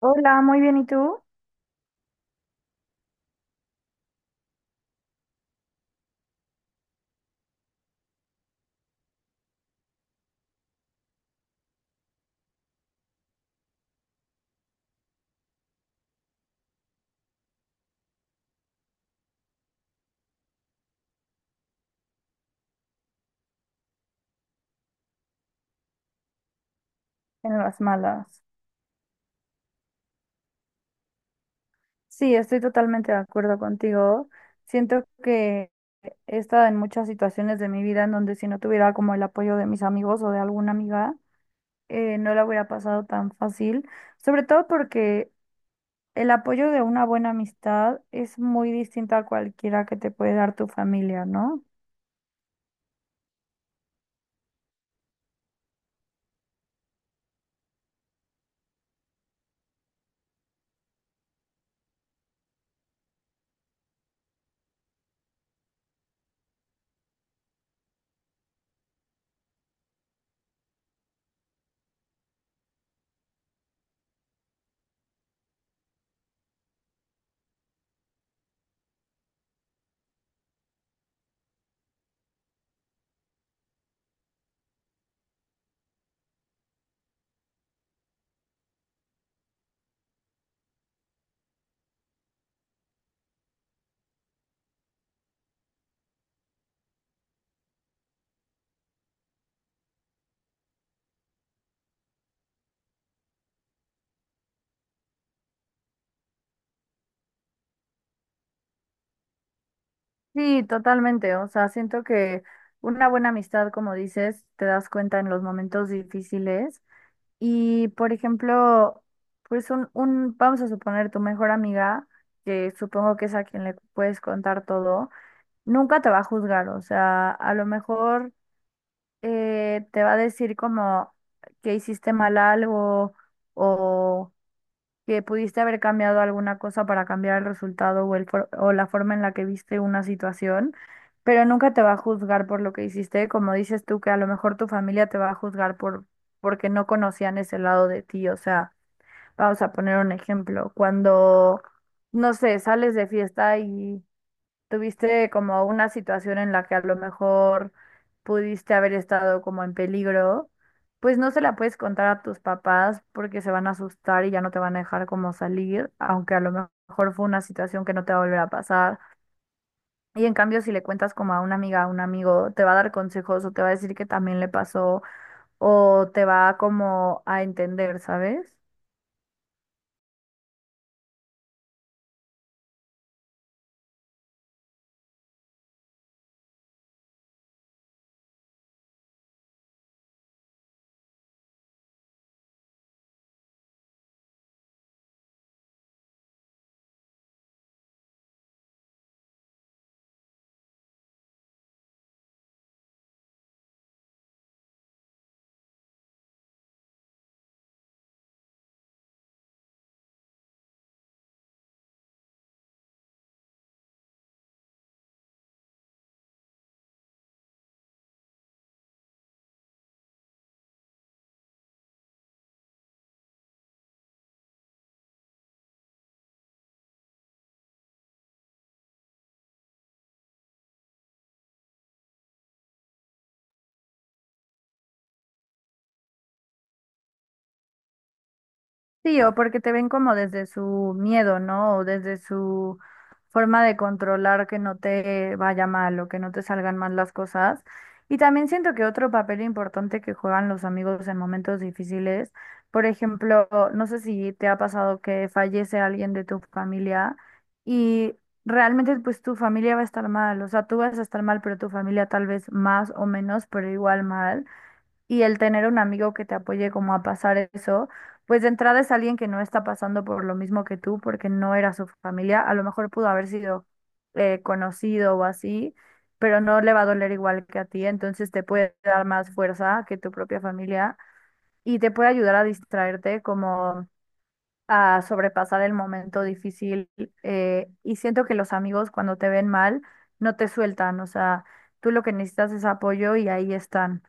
Hola, muy bien, ¿y tú? En las malas. Sí, estoy totalmente de acuerdo contigo. Siento que he estado en muchas situaciones de mi vida en donde si no tuviera como el apoyo de mis amigos o de alguna amiga, no la hubiera pasado tan fácil. Sobre todo porque el apoyo de una buena amistad es muy distinto a cualquiera que te puede dar tu familia, ¿no? Sí, totalmente. O sea, siento que una buena amistad, como dices, te das cuenta en los momentos difíciles. Y por ejemplo, pues vamos a suponer tu mejor amiga, que supongo que es a quien le puedes contar todo, nunca te va a juzgar, o sea, a lo mejor te va a decir como que hiciste mal algo o que pudiste haber cambiado alguna cosa para cambiar el resultado o la forma en la que viste una situación, pero nunca te va a juzgar por lo que hiciste, como dices tú, que a lo mejor tu familia te va a juzgar porque no conocían ese lado de ti, o sea, vamos a poner un ejemplo, cuando, no sé, sales de fiesta y ¿tuviste como una situación en la que a lo mejor pudiste haber estado como en peligro? Pues no se la puedes contar a tus papás porque se van a asustar y ya no te van a dejar como salir, aunque a lo mejor fue una situación que no te va a volver a pasar. Y en cambio, si le cuentas como a una amiga, a un amigo, te va a dar consejos o te va a decir que también le pasó o te va como a entender, ¿sabes? Sí, o porque te ven como desde su miedo, ¿no? O desde su forma de controlar que no te vaya mal o que no te salgan mal las cosas. Y también siento que otro papel importante que juegan los amigos en momentos difíciles, por ejemplo, no sé si te ha pasado que fallece alguien de tu familia y realmente pues tu familia va a estar mal, o sea, tú vas a estar mal, pero tu familia tal vez más o menos, pero igual mal, y el tener un amigo que te apoye como a pasar eso, pues de entrada es alguien que no está pasando por lo mismo que tú, porque no era su familia, a lo mejor pudo haber sido conocido o así, pero no le va a doler igual que a ti, entonces te puede dar más fuerza que tu propia familia y te puede ayudar a distraerte como a sobrepasar el momento difícil. Y siento que los amigos cuando te ven mal no te sueltan, o sea, tú lo que necesitas es apoyo y ahí están.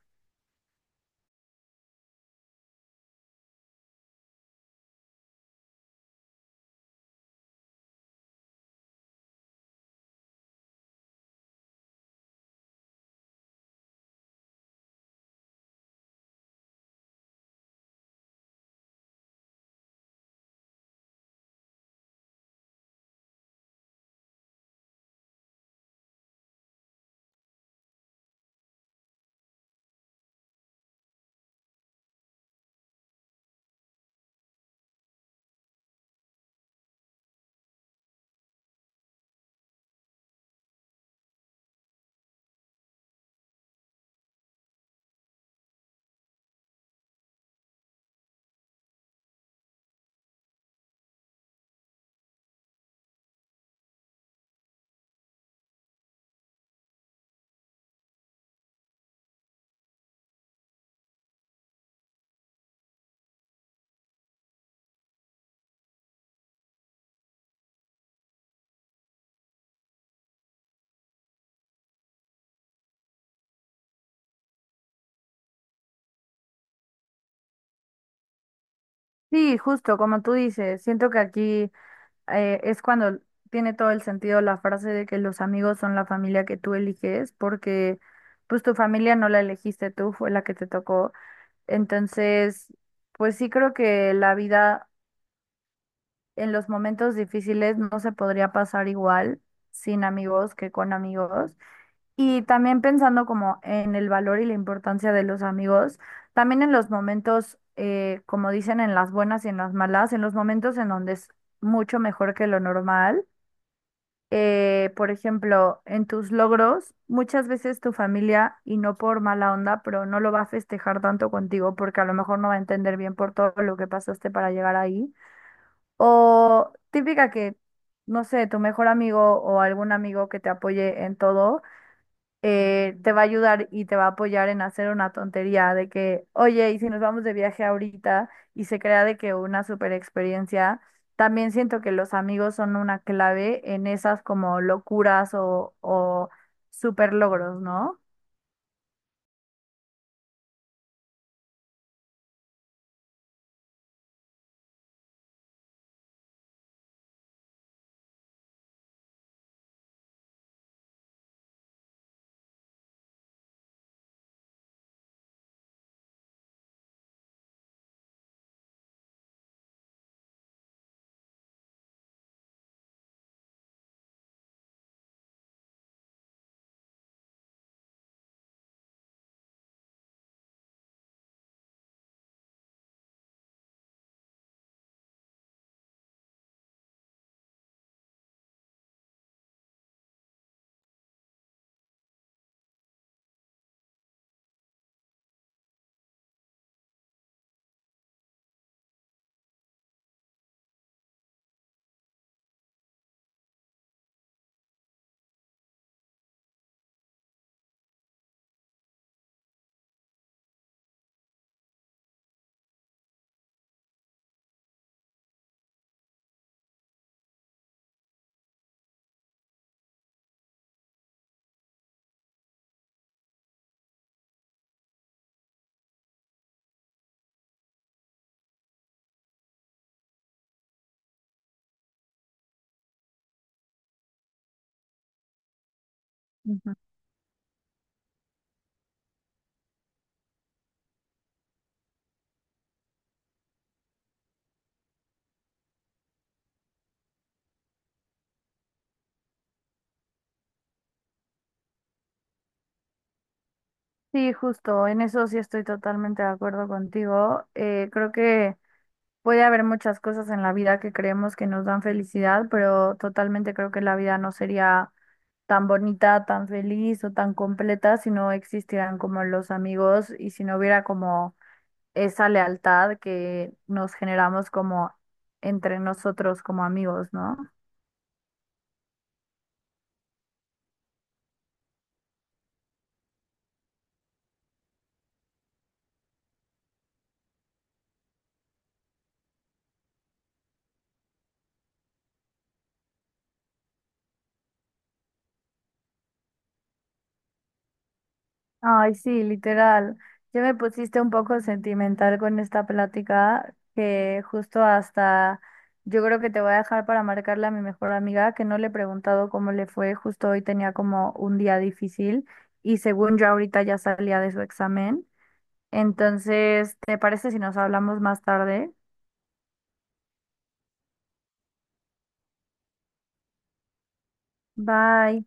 Sí, justo como tú dices, siento que aquí es cuando tiene todo el sentido la frase de que los amigos son la familia que tú eliges, porque pues tu familia no la elegiste tú, fue la que te tocó. Entonces, pues sí creo que la vida en los momentos difíciles no se podría pasar igual sin amigos que con amigos. Y también pensando como en el valor y la importancia de los amigos, también en los momentos, como dicen, en las buenas y en las malas, en los momentos en donde es mucho mejor que lo normal, por ejemplo, en tus logros, muchas veces tu familia, y no por mala onda, pero no lo va a festejar tanto contigo porque a lo mejor no va a entender bien por todo lo que pasaste para llegar ahí. O típica que, no sé, tu mejor amigo o algún amigo que te apoye en todo te va a ayudar y te va a apoyar en hacer una tontería de que, oye, y si nos vamos de viaje ahorita y se crea de que una super experiencia, también siento que los amigos son una clave en esas como locuras o super logros, ¿no? Ujú. Sí, justo, en eso sí estoy totalmente de acuerdo contigo. Creo que... puede haber muchas cosas en la vida que creemos que nos dan felicidad, pero totalmente creo que la vida no sería tan bonita, tan feliz o tan completa si no existieran como los amigos y si no hubiera como esa lealtad que nos generamos como entre nosotros como amigos, ¿no? Ay, sí, literal. Ya me pusiste un poco sentimental con esta plática que justo hasta yo creo que te voy a dejar para marcarle a mi mejor amiga que no le he preguntado cómo le fue. Justo hoy tenía como un día difícil y según yo ahorita ya salía de su examen. Entonces, ¿te parece si nos hablamos más tarde? Bye.